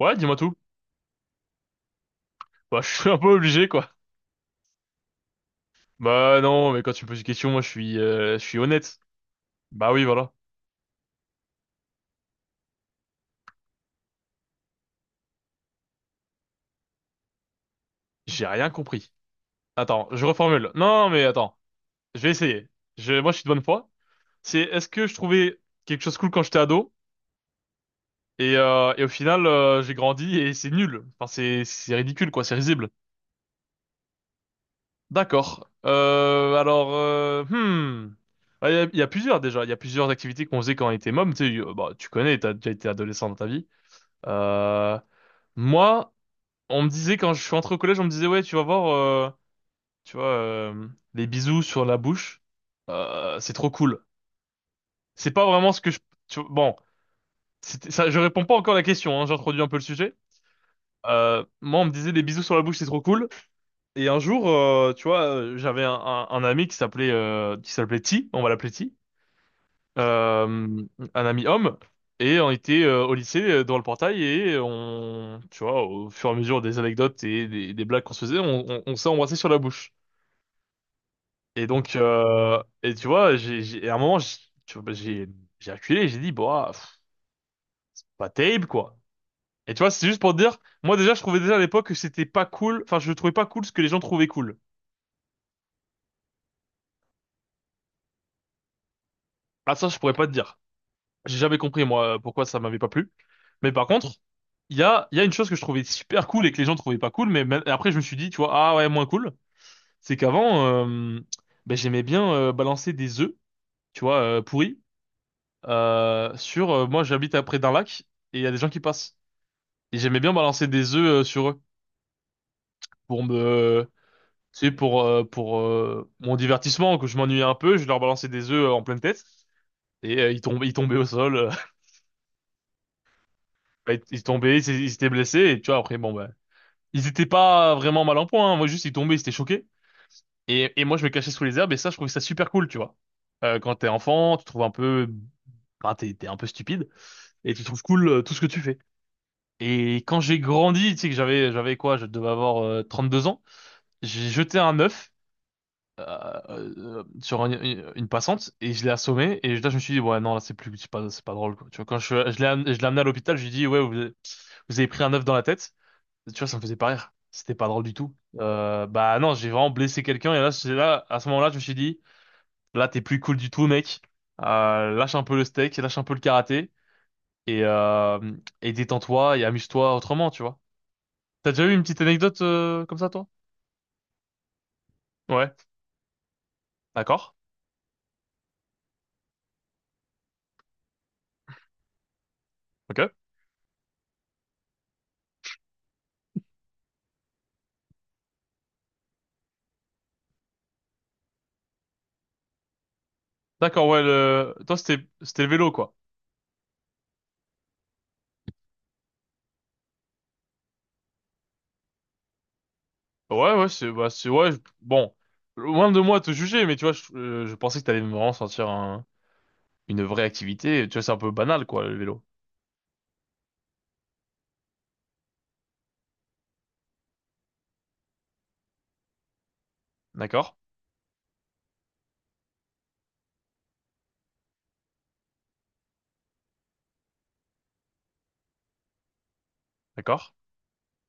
Ouais, dis-moi tout. Bah, je suis un peu obligé, quoi. Bah non, mais quand tu me poses une question, moi, je suis honnête. Bah oui, voilà. J'ai rien compris. Attends, je reformule. Non, mais attends, je vais essayer. Moi, je suis de bonne foi. Est-ce que je trouvais quelque chose cool quand j'étais ado et au final, j'ai grandi et c'est nul. Enfin, c'est ridicule, quoi. C'est risible. D'accord. Alors, hmm. Ah, il y a plusieurs déjà, il y a plusieurs activités qu'on faisait quand on était môme, tu sais, bah, tu connais, t'as déjà été adolescent dans ta vie. Euh, Moi, on me disait quand je suis entré au collège, on me disait ouais, tu vas voir, tu vois, les bisous sur la bouche, c'est trop cool. C'est pas vraiment ce que je, tu bon, c'était ça, je réponds pas encore à la question, hein, j'introduis un peu le sujet. Moi, on me disait les bisous sur la bouche, c'est trop cool. Et un jour, tu vois, j'avais un ami qui s'appelait T, on va l'appeler T, euh, un ami homme. Et on était au lycée dans le portail et on, tu vois, au fur et à mesure des anecdotes et des blagues qu'on se faisait, on s'est embrassé sur la bouche. Et donc, et tu vois, et à un moment, j'ai, tu vois, j'ai reculé, j'ai dit, bah, pff, pas terrible, quoi. Et tu vois, c'est juste pour te dire, moi déjà, je trouvais déjà à l'époque que c'était pas cool, enfin, je trouvais pas cool ce que les gens trouvaient cool. Ah, ça, je pourrais pas te dire. J'ai jamais compris, moi, pourquoi ça m'avait pas plu. Mais par contre, il y a une chose que je trouvais super cool et que les gens trouvaient pas cool, mais après, je me suis dit, tu vois, ah ouais, moins cool, c'est qu'avant, ben, j'aimais bien balancer des œufs, tu vois, pourris, sur, moi, j'habite à près d'un lac, et il y a des gens qui passent. Et j'aimais bien balancer des œufs sur eux pour me, tu sais, pour mon divertissement, que je m'ennuyais un peu, je leur balançais des œufs en pleine tête et ils tombaient au sol, bah, ils tombaient, ils s'étaient blessés et tu vois après, bon, bah, ils étaient pas vraiment mal en point, hein. Moi juste ils tombaient, ils étaient choqués et moi je me cachais sous les herbes et ça je trouvais ça super cool, tu vois. Quand t'es enfant, tu trouves un peu, bah, t'es un peu stupide et tu trouves cool tout ce que tu fais. Et quand j'ai grandi, tu sais que j'avais quoi, je devais avoir 32 ans, j'ai jeté un œuf sur une passante et je l'ai assommé et là je me suis dit ouais non, là c'est plus, c'est pas drôle, quoi. Tu vois quand je l'ai amené à l'hôpital, je lui ai dit ouais vous avez pris un œuf dans la tête. Tu vois, ça me faisait pas rire. C'était pas drôle du tout. Bah non, j'ai vraiment blessé quelqu'un et là, c'est là, à ce moment-là, je me suis dit là t'es plus cool du tout, mec. Lâche un peu le steak, lâche un peu le karaté et euh, et détends-toi et amuse-toi autrement, tu vois. T'as déjà eu une petite anecdote comme ça, toi? Ouais, d'accord. OK. D'accord, ouais, le, toi c'était le vélo, quoi. Ouais, ouais, bah, c'est, ouais, bon, loin de moi te juger, mais tu vois, je pensais que t'allais vraiment sentir une vraie activité. Tu vois, c'est un peu banal, quoi, le vélo. D'accord? D'accord?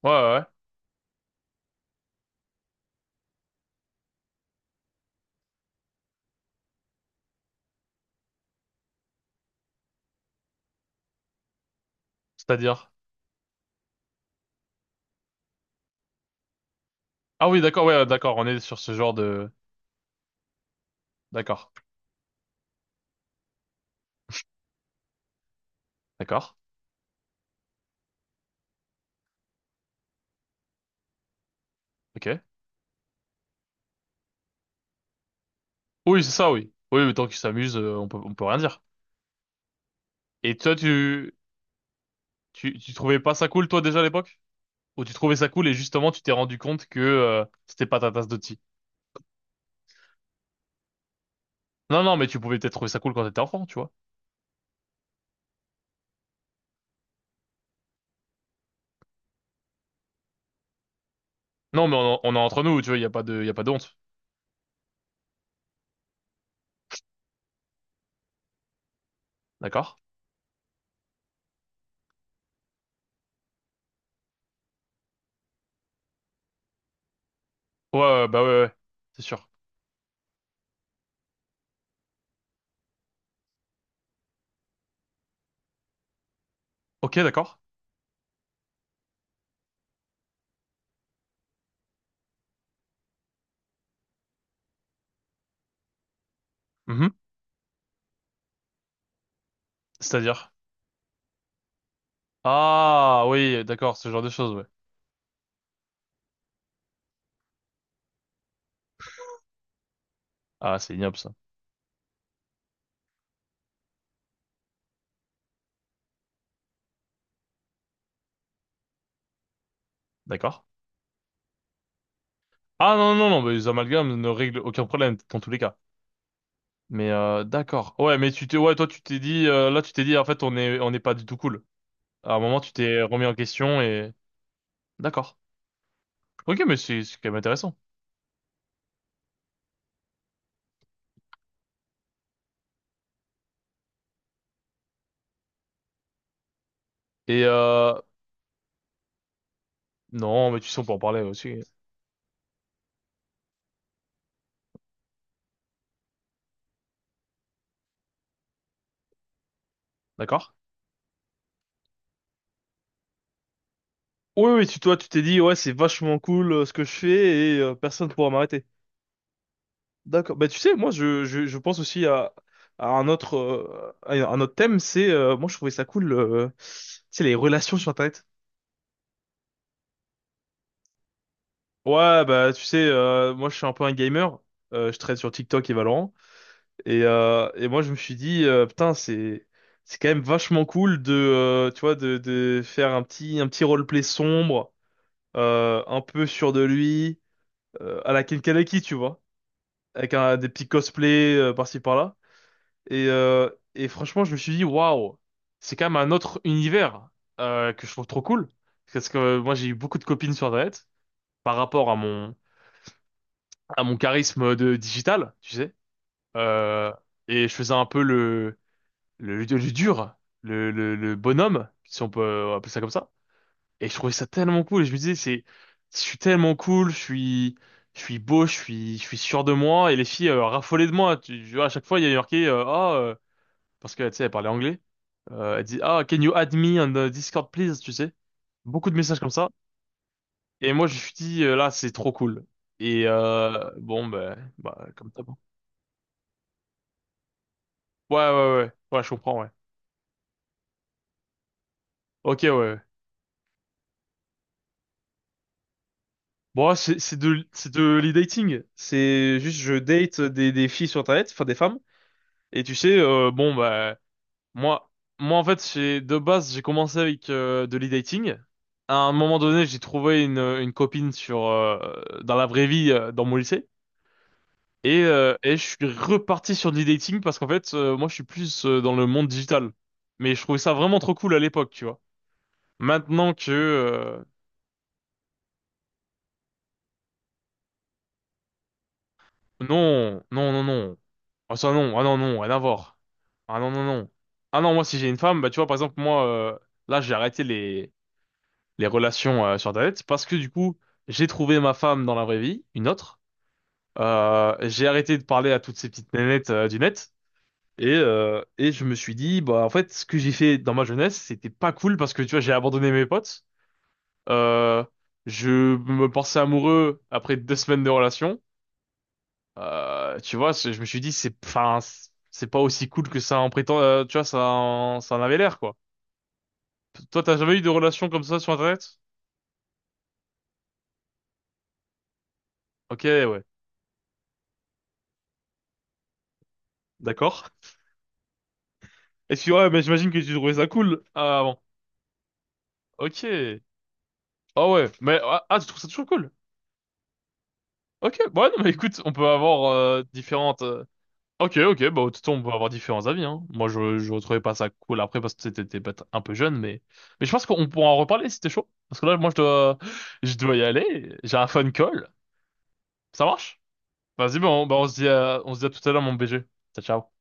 Ouais, ouais, ouais. C'est-à-dire? Ah oui, d'accord, ouais, d'accord, on est sur ce genre de. D'accord, d'accord, ok. Oui, c'est ça, oui. Oui, mais tant qu'ils s'amusent, on peut rien dire. Et toi, tu trouvais pas ça cool, toi, déjà, à l'époque? Ou tu trouvais ça cool et justement, tu t'es rendu compte que, c'était pas ta tasse de thé? Non, non, mais tu pouvais peut-être trouver ça cool quand t'étais enfant, tu vois. Non, mais on est entre nous, tu vois, il n'y a pas de, il a pas de honte. D'accord? Ouais, ouais, bah ouais, ouais, c'est sûr. Ok, d'accord. Mhm. C'est-à-dire? Ah, oui, d'accord, ce genre de choses, ouais. Ah, c'est ignoble, ça. D'accord. Ah, non, non, non, mais les amalgames ne règlent aucun problème, dans tous les cas. Mais, d'accord. Ouais, mais tu t'es, ouais, toi, tu t'es dit, là, tu t'es dit, en fait, on n'est pas du tout cool. À un moment, tu t'es remis en question et, d'accord. Ok, mais c'est quand même intéressant. Et, non, mais tu sais, on peut en parler aussi. D'accord? Oui, oui, toi, tu t'es dit, ouais, c'est vachement cool ce que je fais et personne ne pourra m'arrêter. D'accord. Bah, tu sais, moi, je pense aussi à un autre thème, moi, je trouvais ça cool, tu sais, les relations sur Internet. Ouais, bah, tu sais, moi, je suis un peu un gamer, je traîne sur TikTok et Valorant, et moi, je me suis dit, putain, c'est quand même vachement cool tu vois, de faire un petit roleplay sombre, un peu sûr de lui, à la Ken Kaneki, tu vois. Avec des petits cosplays par-ci par-là. Et franchement, je me suis dit, waouh, c'est quand même un autre univers que je trouve trop cool. Parce que moi, j'ai eu beaucoup de copines sur Internet par rapport à mon charisme de digital, tu sais. Euh, et je faisais un peu le dur, le bonhomme, si on peut appeler ça comme ça. Et je trouvais ça tellement cool. Et je me disais, je suis tellement cool, je suis beau, je suis sûr de moi. Et les filles raffolaient de moi. Tu vois, à chaque fois, il y a marqué, ah, parce que, tu sais, elle parlait anglais. Elle dit, ah, can you add me on the Discord, please, tu sais. Beaucoup de messages comme ça. Et moi, je me suis dit, là, c'est trop cool. Bon, bah, bah, comme ça. Bon. Ouais, ouais, ouais. Ouais, je comprends, ouais. Ok, ouais. Ouais. Bon, ouais, c'est de l'e-dating. C'est juste, je date des filles sur Internet, enfin des femmes. Et tu sais, bon, bah, Moi, moi, en fait, j'ai de base, j'ai commencé avec de l'e-dating. À un moment donné, j'ai trouvé une copine sur dans la vraie vie, dans mon lycée, et je suis reparti sur de l'e-dating parce qu'en fait, moi, je suis plus dans le monde digital. Mais je trouvais ça vraiment trop cool à l'époque, tu vois. Maintenant que non, non, non, non, ah ça non, ah non, non, rien à voir. Ah non, non, non. Ah non, moi, si j'ai une femme, bah tu vois, par exemple, moi, là, j'ai arrêté les relations sur Internet, parce que du coup, j'ai trouvé ma femme dans la vraie vie, une autre. J'ai arrêté de parler à toutes ces petites nénettes du net. Et je me suis dit, bah en fait, ce que j'ai fait dans ma jeunesse, c'était pas cool parce que tu vois, j'ai abandonné mes potes. Euh, je me pensais amoureux après 2 semaines de relation. Tu vois, je me suis dit, enfin, c'est pas aussi cool que ça en prétend. Tu vois, ça, ça en avait l'air, quoi. Toi, t'as jamais eu de relation comme ça sur Internet? Ok, ouais, d'accord. Et si, ouais, mais j'imagine que tu trouvais ça cool. Ah, bon. Ok. Ah ouais. Mais, ah, ah, tu trouves ça toujours cool? Ok. Bon, ouais, non, mais écoute, on peut avoir différentes. Ok, ok, bah, tout on peut avoir différents avis, hein. Moi, je retrouvais pas ça cool après parce que t'étais peut-être un peu jeune, mais. Mais je pense qu'on pourra en reparler si t'es chaud. Parce que là, moi, je dois, je dois y aller. J'ai un phone call. Ça marche? Vas-y, bon, bah, on se dit à tout à l'heure, mon BG. Ciao, ciao.